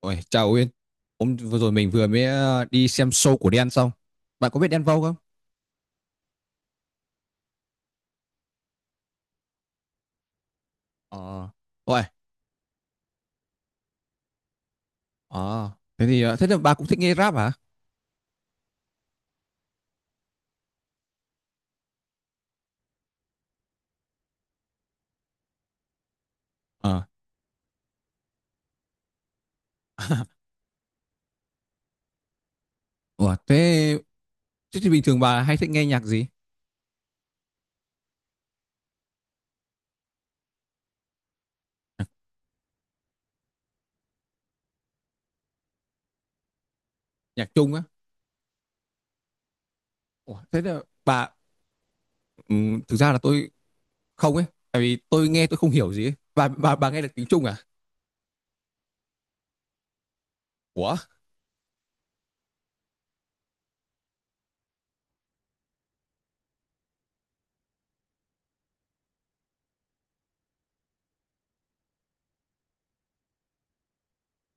Ôi, chào Uyên. Hôm vừa rồi mình vừa mới đi xem show của Đen xong. Bạn có biết Đen Vâu không? Ờ. Ôi, ờ. Thế thì thế là bà cũng thích nghe rap hả? Ờ. Ủa, thế, thế thì bình thường bà hay thích nghe nhạc gì? Nhạc Trung á? Ủa, thế là bà ừ, thực ra là tôi không ấy, tại vì tôi nghe tôi không hiểu gì ấy. Bà nghe được tiếng Trung à? Ủa?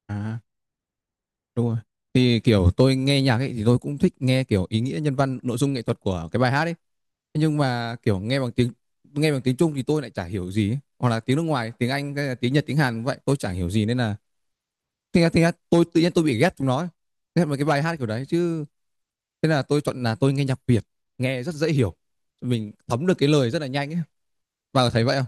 À, đúng rồi. Thì kiểu tôi nghe nhạc ấy thì tôi cũng thích nghe kiểu ý nghĩa nhân văn, nội dung nghệ thuật của cái bài hát ấy. Nhưng mà kiểu nghe bằng tiếng Trung thì tôi lại chả hiểu gì ấy. Hoặc là tiếng nước ngoài tiếng Anh hay tiếng Nhật tiếng Hàn cũng vậy tôi chả hiểu gì nên là thế là, tôi tự nhiên tôi bị ghét chúng nó ấy. Ghét mấy cái bài hát kiểu đấy chứ thế là tôi chọn là tôi nghe nhạc Việt, nghe rất dễ hiểu, mình thấm được cái lời rất là nhanh ấy, bà có thấy vậy không?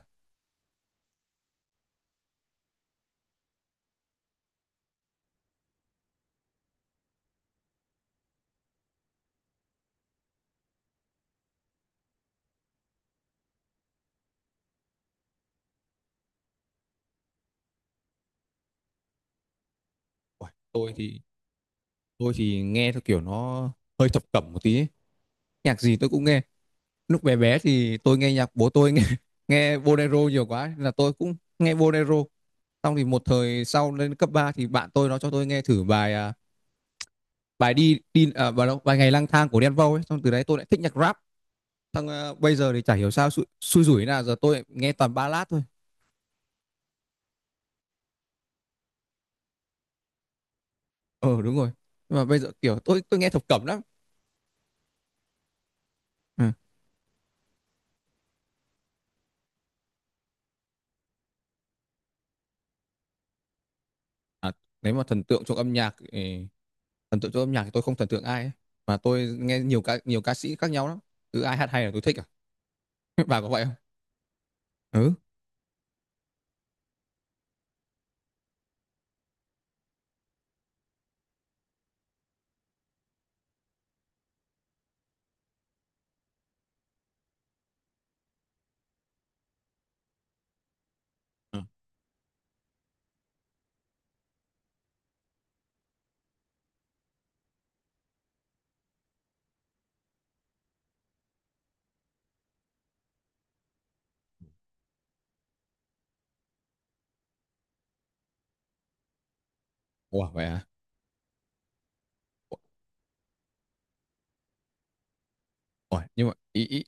Uầy, tôi thì nghe theo kiểu nó hơi thập cẩm một tí ấy. Nhạc gì tôi cũng nghe, lúc bé bé thì tôi nghe nhạc bố tôi nghe nghe bolero nhiều quá nên là tôi cũng nghe bolero. Xong thì một thời sau lên cấp 3 thì bạn tôi nó cho tôi nghe thử bài, à, bài đi đi à, bài bài Ngày lang thang của Đen Vâu ấy, xong từ đấy tôi lại thích nhạc rap. Xong à, bây giờ thì chả hiểu sao xui, rủi thế giờ tôi nghe toàn ballad thôi. Ờ ừ, đúng rồi. Nhưng mà bây giờ kiểu tôi nghe thập cẩm lắm. Ừ. À, nếu mà thần tượng trong âm nhạc thì tôi không thần tượng ai ấy. Mà tôi nghe nhiều ca sĩ khác nhau lắm. Cứ ai hát hay là tôi thích à. Bà có vậy không? Ừ. Ừ. Ủa vậy à? Ủa, nhưng mà ý, ý,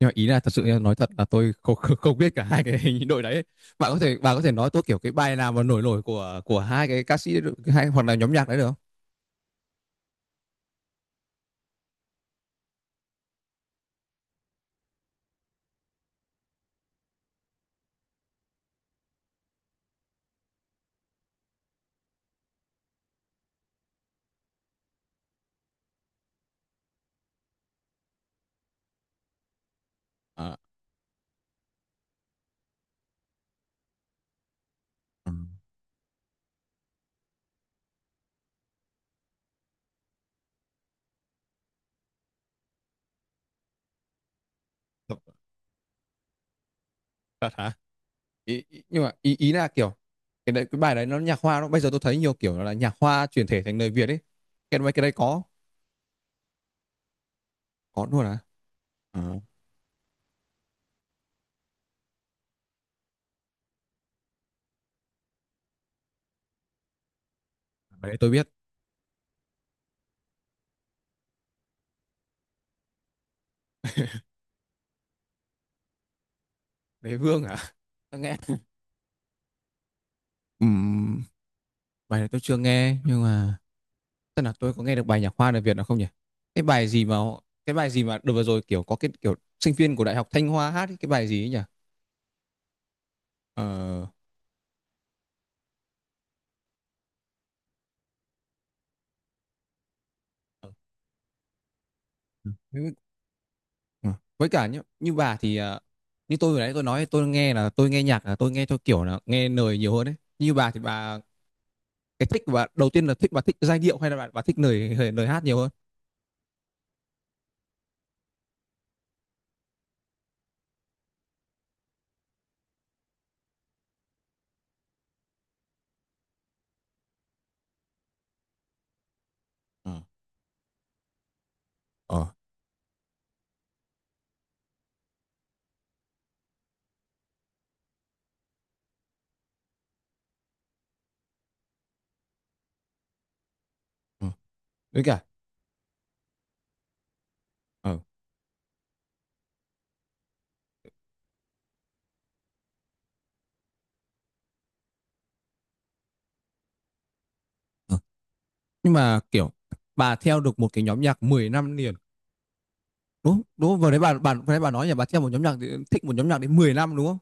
nhưng mà ý là thật sự em nói thật là tôi không, không biết cả hai cái hình đội đấy ấy. Bạn có thể nói tôi kiểu cái bài nào mà nổi nổi của hai cái ca sĩ hay hoặc là nhóm nhạc đấy được không? À, ừ. Thật, thật hả? Ý, ý, nhưng mà ý ý là kiểu cái đấy, cái bài đấy nó nhạc hoa, nó bây giờ tôi thấy nhiều kiểu là nhạc hoa chuyển thể thành lời Việt ấy, cái mấy cái đấy có? Có luôn à? À, bài đấy tôi biết. Đế vương à? Nghe. Ừm, bài đấy tôi chưa nghe nhưng mà tức là tôi có nghe được bài nhạc Hoa đời Việt nào không nhỉ? Cái bài gì mà cái bài gì mà đợt vừa rồi kiểu có cái kiểu sinh viên của Đại học Thanh Hoa hát ấy, cái bài gì ấy nhỉ? Ờ, với, ờ, với cả như bà thì như tôi vừa nãy tôi nói tôi nghe theo kiểu là nghe lời nhiều hơn đấy. Như bà thì cái thích của bà đầu tiên là thích giai điệu hay là bà thích lời lời hát nhiều hơn? Ờ, ờ, ờ. Với cả ờ, ờ. Nhưng mà kiểu bà theo được một cái nhóm nhạc 10 năm liền, đúng, đúng không? Vừa đấy bà nói nhà bà theo một nhóm nhạc thì thích một nhóm nhạc đến mười năm đúng không?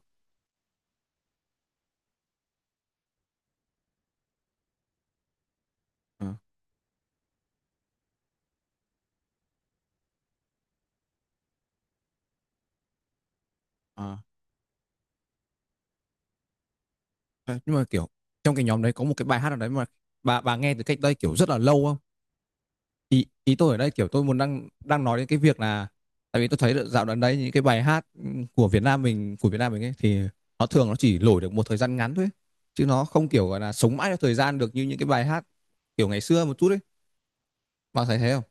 Ờ, ờ. Thế nhưng mà kiểu trong cái nhóm đấy có một cái bài hát nào đấy mà bà nghe từ cách đây kiểu rất là lâu không? Ý ý tôi ở đây kiểu tôi muốn đang đang nói đến cái việc là tại vì tôi thấy được dạo gần đấy những cái bài hát của Việt Nam mình ấy thì nó thường nó chỉ nổi được một thời gian ngắn thôi ấy. Chứ nó không kiểu gọi là sống mãi theo thời gian được như những cái bài hát kiểu ngày xưa một chút ấy. Bà thấy thế không?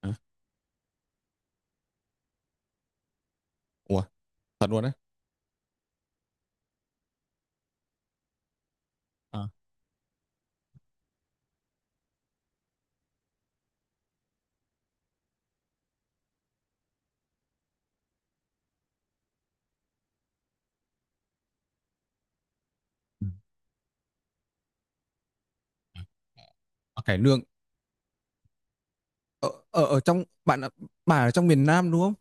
Ờ. Ủa, thật luôn đấy. Ờ. Ok, nương ở ở ở trong bạn ạ, bà ở trong miền Nam đúng không?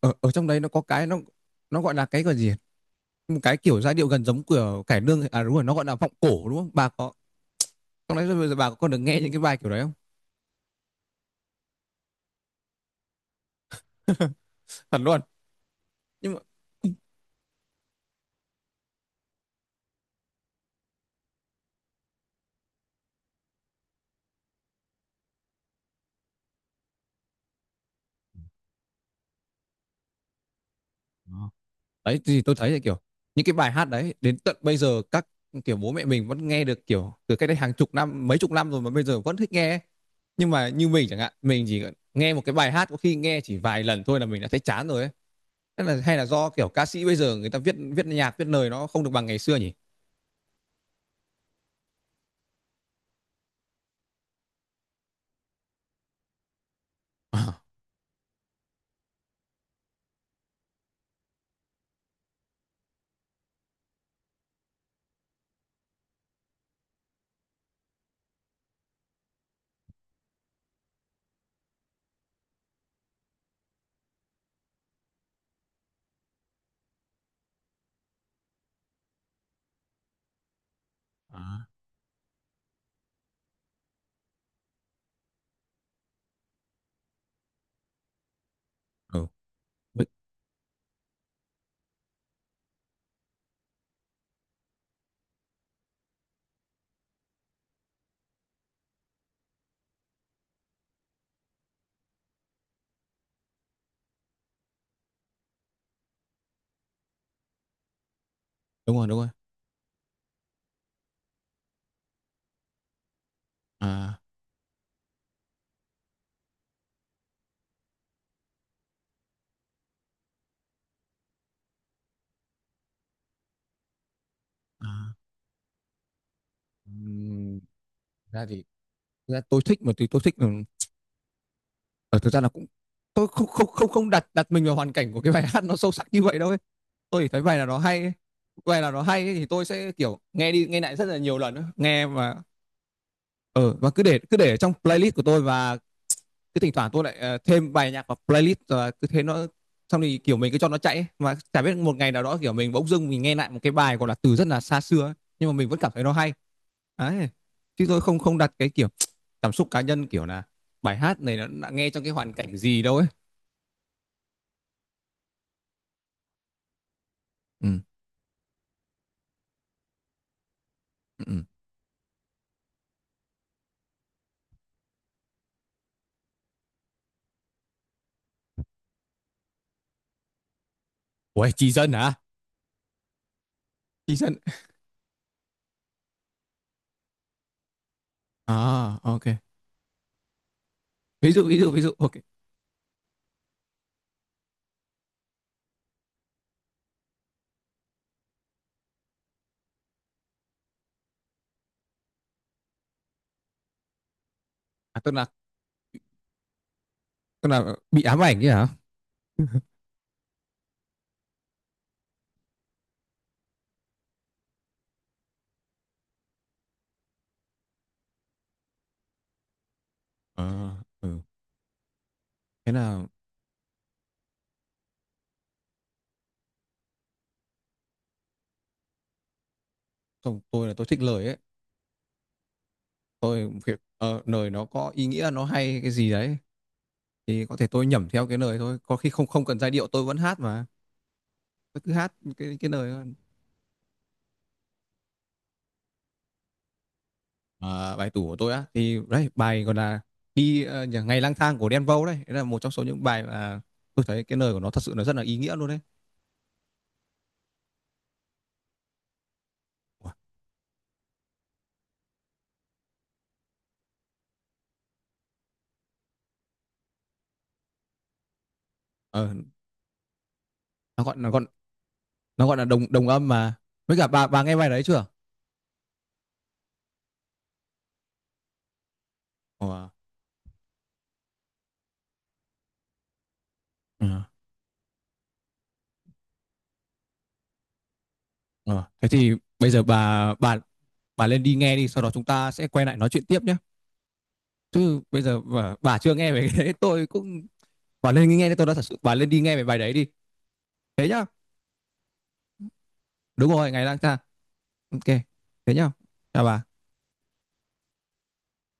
Ở ở trong đấy nó có cái nó gọi là cái gọi gì? Một cái kiểu giai điệu gần giống của cải lương à đúng rồi nó gọi là vọng cổ đúng không? Bà có trong đấy bây giờ bà có được nghe những cái bài kiểu đấy không? Thật luôn. Nhưng mà đó. Đấy thì tôi thấy là kiểu những cái bài hát đấy đến tận bây giờ các kiểu bố mẹ mình vẫn nghe được kiểu từ cách đây hàng chục năm mấy chục năm rồi mà bây giờ vẫn thích nghe, nhưng mà như mình chẳng hạn mình chỉ nghe một cái bài hát có khi nghe chỉ vài lần thôi là mình đã thấy chán rồi ấy. Tức là hay là do, kiểu, ca sĩ bây giờ người ta viết viết nhạc, viết lời nó không được bằng ngày xưa nhỉ? À, ừ, đúng rồi, đúng rồi. À, à, ừm, thực ra thì thực ra tôi thích mà thì tôi thích, ờ, thực ra là cũng tôi không không không không đặt đặt mình vào hoàn cảnh của cái bài hát nó sâu sắc như vậy đâu ấy. Tôi chỉ thấy bài là nó hay ấy, bài là nó hay ấy thì tôi sẽ, kiểu, nghe đi nghe lại rất là nhiều lần á, nghe mà, ờ, và cứ để ở trong playlist của tôi và cứ thỉnh thoảng tôi lại thêm bài nhạc vào playlist và cứ thế nó xong thì kiểu mình cứ cho nó chạy ấy. Mà chả biết một ngày nào đó kiểu mình bỗng dưng mình nghe lại một cái bài gọi là từ rất là xa xưa ấy. Nhưng mà mình vẫn cảm thấy nó hay đấy, chứ tôi không không đặt cái kiểu cảm xúc cá nhân kiểu là bài hát này nó đã nghe trong cái hoàn cảnh gì đâu ấy. Ừ ừ ừ. Ủa chị dân hả? Chị dân? À, ok. Ví dụ ví dụ ví dụ, ok. À, tức là tôi là bị ám ảnh chứ hả? À, ừ. Thế là xong tôi là tôi thích lời ấy, tôi việc lời nó có ý nghĩa nó hay cái gì đấy thì có thể tôi nhẩm theo cái lời thôi có khi không không cần giai điệu tôi vẫn hát mà, tôi cứ hát cái lời thôi. Ờ, bài tủ của tôi á thì đấy bài gọi là ngày lang thang của Đen Vâu đấy, đấy là một trong số những bài mà tôi thấy cái lời của nó thật sự là rất là ý nghĩa luôn đấy. Ủa, ờ, nó gọi nó gọi nó gọi là đồng đồng âm mà, với cả bà nghe bài đấy chưa? Ủa, ờ, ờ. Thế thì bây giờ bà lên đi nghe đi, sau đó chúng ta sẽ quay lại nói chuyện tiếp nhé, chứ bây giờ bà chưa nghe về cái đấy tôi cũng bà lên nghe đi, tôi đã thật sự bà lên đi nghe về bài đấy đi, thế nhá. Đúng rồi, ngày lang thang. Ok, thế nhá, chào bà.